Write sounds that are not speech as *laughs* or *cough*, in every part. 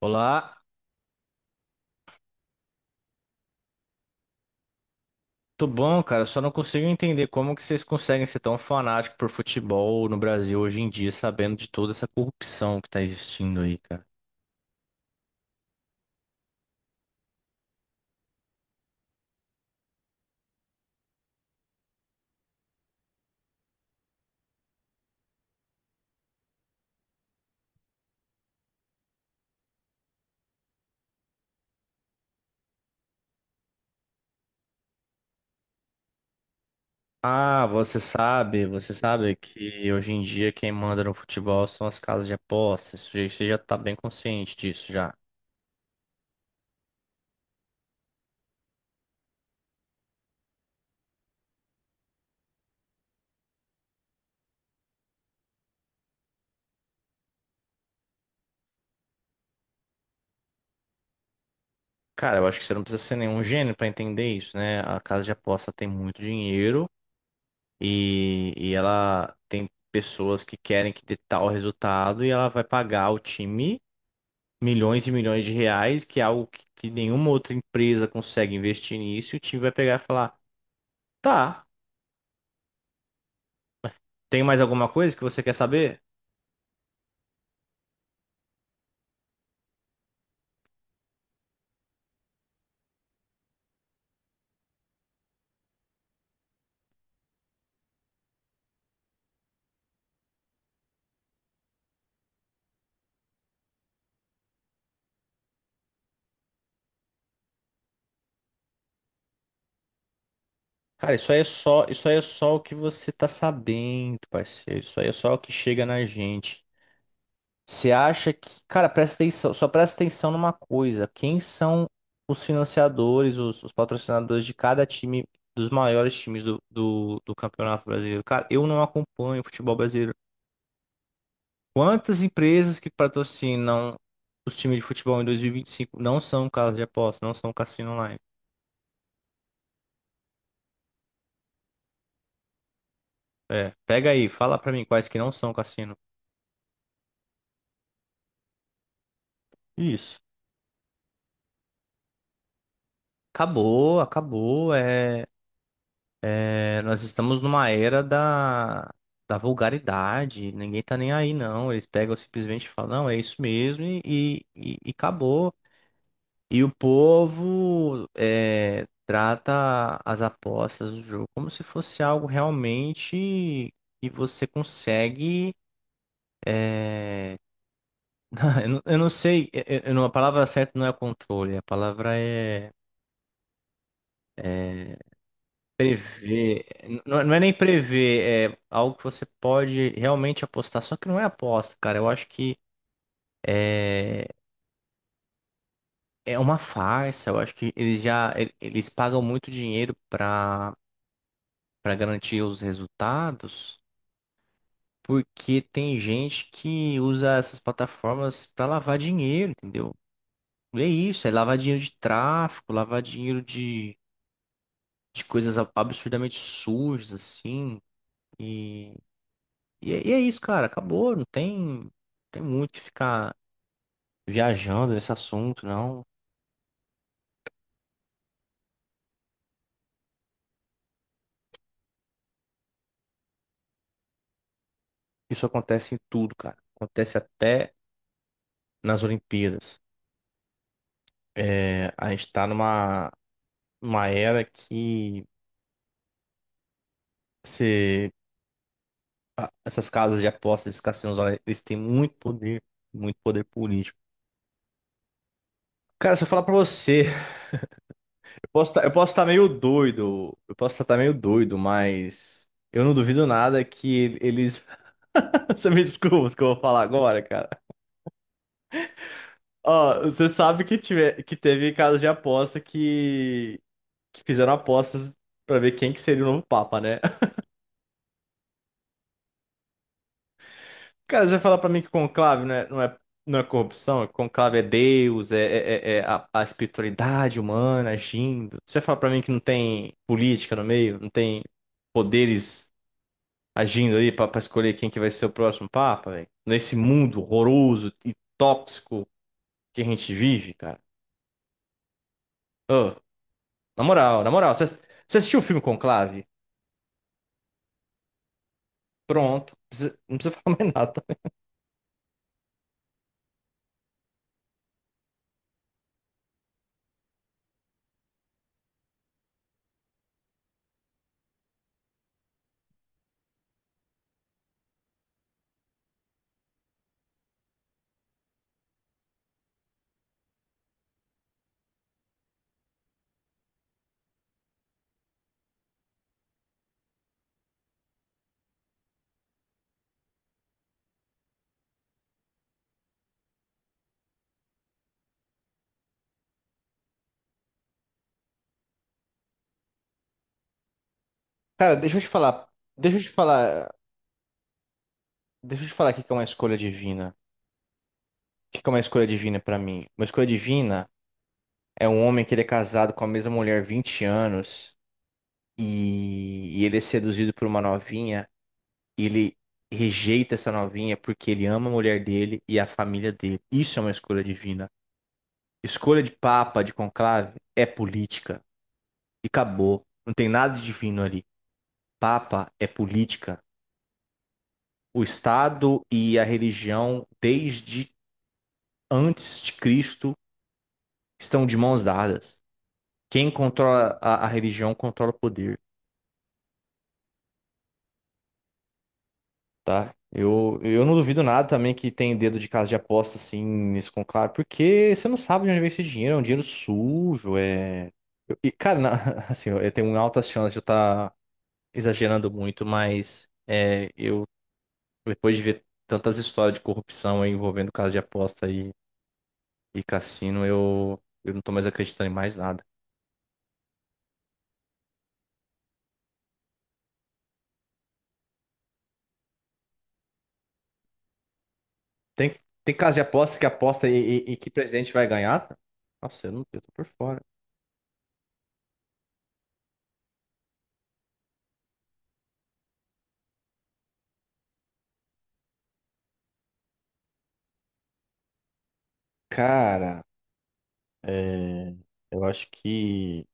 Olá, tudo bom, cara? Eu Só não consigo entender como que vocês conseguem ser tão fanáticos por futebol no Brasil hoje em dia, sabendo de toda essa corrupção que tá existindo aí, cara. Ah, você sabe que hoje em dia quem manda no futebol são as casas de apostas. Você já tá bem consciente disso já. Cara, eu acho que você não precisa ser nenhum gênio pra entender isso, né? A casa de aposta tem muito dinheiro e ela tem pessoas que querem que dê tal resultado e ela vai pagar o time milhões e milhões de reais, que é algo que nenhuma outra empresa consegue investir nisso, e o time vai pegar e falar: tá, tem mais alguma coisa que você quer saber? Cara, isso aí é só o que você tá sabendo, parceiro. Isso aí é só o que chega na gente. Você acha que, cara, presta atenção, só presta atenção numa coisa: quem são os financiadores, os patrocinadores de cada time, dos maiores times do Campeonato Brasileiro. Cara, eu não acompanho o futebol brasileiro. Quantas empresas que patrocinam os times de futebol em 2025 não são casas de aposta, não são cassino online? É, pega aí, fala pra mim quais que não são cassino. Isso. Acabou, acabou. Nós estamos numa era da vulgaridade. Ninguém tá nem aí, não. Eles pegam simplesmente e falam, não, é isso mesmo e acabou. E o povo trata as apostas do jogo como se fosse algo realmente que você consegue é, *laughs* eu não sei, eu não- a palavra certa não é controle, a palavra é prever. Não, não é nem prever, é algo que você pode realmente apostar, só que não é aposta, cara. Eu acho que é, é uma farsa, eu acho que eles já eles pagam muito dinheiro para garantir os resultados, porque tem gente que usa essas plataformas para lavar dinheiro, entendeu? E é isso, é lavar dinheiro de tráfico, lavar dinheiro de coisas absurdamente sujas, assim. E, e é isso, cara, acabou, não tem, tem muito que ficar viajando nesse assunto, não. Isso acontece em tudo, cara. Acontece até nas Olimpíadas. É, a gente tá numa era que você essas casas de apostas, esses cassinos, olha, eles têm muito poder político. Cara, se eu falar pra você, eu posso estar meio doido, eu posso estar meio doido, mas eu não duvido nada que eles. *laughs* Você me desculpa o que eu vou falar agora, cara. Ó, você sabe que teve casos de aposta que fizeram apostas pra ver quem que seria o novo Papa, né? Cara, você fala pra mim que conclave não é corrupção, que conclave é Deus, é a espiritualidade humana agindo. Você fala pra mim que não tem política no meio, não tem poderes agindo pra escolher quem que vai ser o próximo papa, velho? Nesse mundo horroroso e tóxico que a gente vive, cara. Ô, na moral, você, você assistiu o filme Conclave? Pronto, não precisa *laughs* falar mais nada. Cara, deixa eu te falar, deixa eu te falar aqui que é uma escolha divina. Que é uma escolha divina pra mim? Uma escolha divina é um homem que ele é casado com a mesma mulher há 20 anos e ele é seduzido por uma novinha e ele rejeita essa novinha porque ele ama a mulher dele e a família dele. Isso é uma escolha divina. Escolha de papa, de conclave, é política. E acabou. Não tem nada de divino ali. Papa é política. O Estado e a religião, desde antes de Cristo, estão de mãos dadas. Quem controla a religião controla o poder, tá? Eu não duvido nada também que tem dedo de casa de aposta assim nesse conclave, porque você não sabe de onde vem esse dinheiro, é um dinheiro sujo, é. Eu- E, cara, na- *laughs* assim, eu tenho altas chances de eu estar exagerando muito, mas depois de ver tantas histórias de corrupção aí envolvendo casa de aposta e cassino, eu não tô mais acreditando em mais nada. Tem, tem casa de aposta que e que presidente vai ganhar? Nossa, eu não, eu tô por fora. Cara, é, eu acho que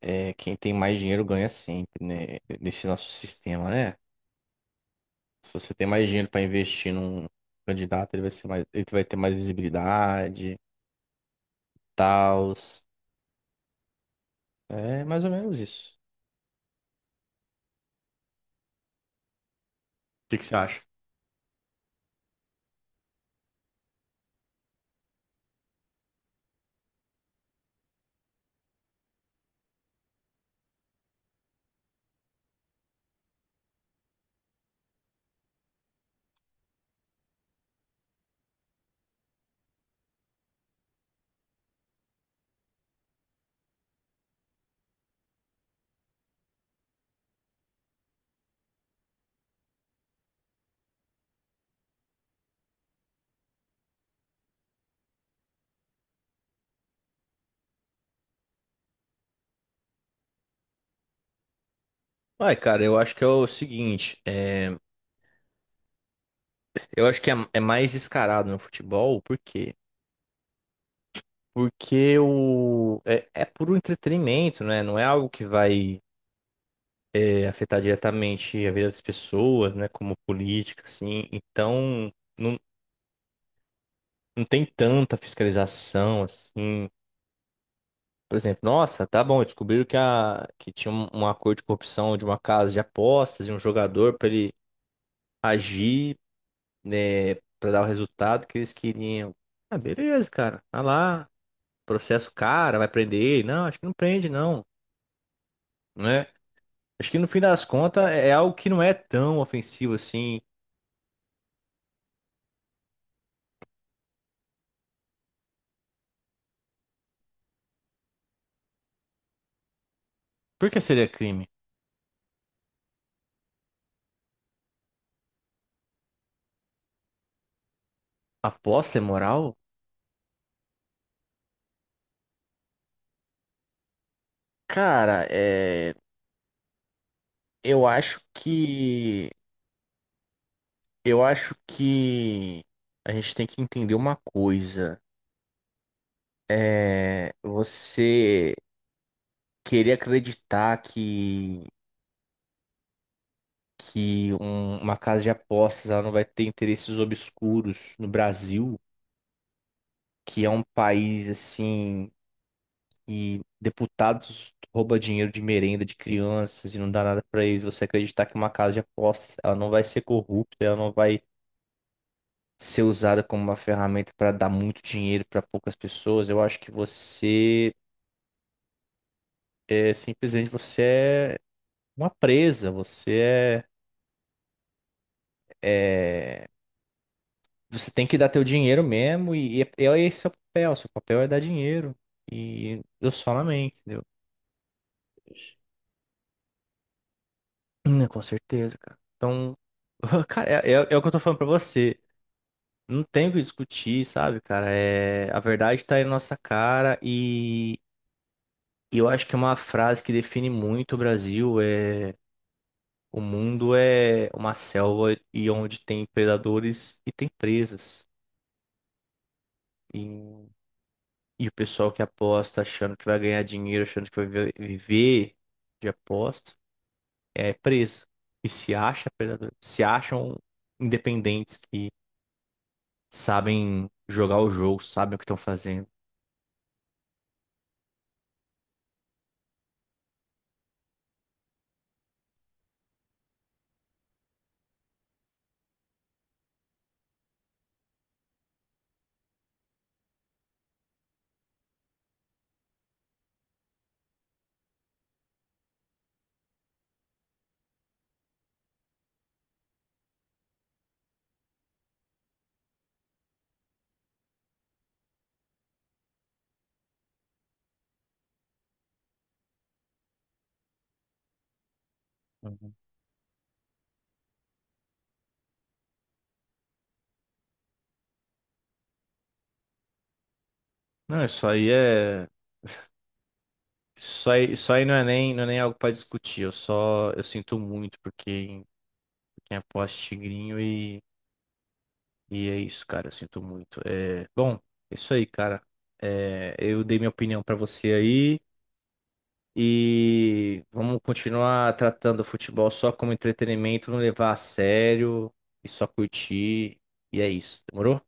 quem tem mais dinheiro ganha sempre, né? Nesse nosso sistema, né? Se você tem mais dinheiro para investir num candidato, ele vai ser mais, ele vai ter mais visibilidade, tal. É mais ou menos isso. O que que você acha? Ué, cara, eu acho que é o seguinte, eu acho que é mais escarado no futebol, por quê? Porque é puro entretenimento, né? Não é algo que vai afetar diretamente a vida das pessoas, né, como política, assim. Então, não, não tem tanta fiscalização, assim. Por exemplo, nossa, tá bom, descobriram que tinha um acordo de corrupção de uma casa de apostas e um jogador para ele agir, né, para dar o resultado que eles queriam. Ah, beleza, cara, tá lá, processo cara, vai prender ele. Não, acho que não prende, não, né? Acho que no fim das contas é é algo que não é tão ofensivo assim. Por que seria crime? Aposta é moral? Cara, eu acho que eu acho que a gente tem que entender uma coisa. É, você querer acreditar que uma casa de apostas ela não vai ter interesses obscuros no Brasil, que é um país assim e deputados rouba dinheiro de merenda de crianças e não dá nada pra eles. Você acreditar que uma casa de apostas ela não vai ser corrupta, ela não vai ser usada como uma ferramenta para dar muito dinheiro para poucas pessoas, eu acho que você é simplesmente você é, uma presa, você é, é- você tem que dar teu dinheiro mesmo e é esse é o papel, seu papel é dar dinheiro e eu só amém, entendeu? Com certeza, cara. Então, *laughs* cara, é o que eu tô falando pra você. Não tem o que discutir, sabe, cara? É, a verdade tá aí na nossa cara e eu acho que é uma frase que define muito o Brasil. É, o mundo é uma selva e onde tem predadores e tem presas. E, e o pessoal que aposta achando que vai ganhar dinheiro, achando que viver de aposta, é presa. E se acha predador, se acham independentes que sabem jogar o jogo, sabem o que estão fazendo. Uhum. Não, isso aí é. Isso aí não é nem, não é nem algo para discutir. Eu sinto muito porque quem aposta em tigrinho e E é isso, cara. Eu sinto muito. É, bom, é isso aí, cara. É, eu dei minha opinião pra você aí. E vamos continuar tratando o futebol só como entretenimento, não levar a sério e só curtir. E é isso, demorou?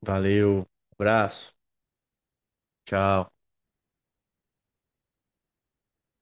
Valeu, abraço, tchau.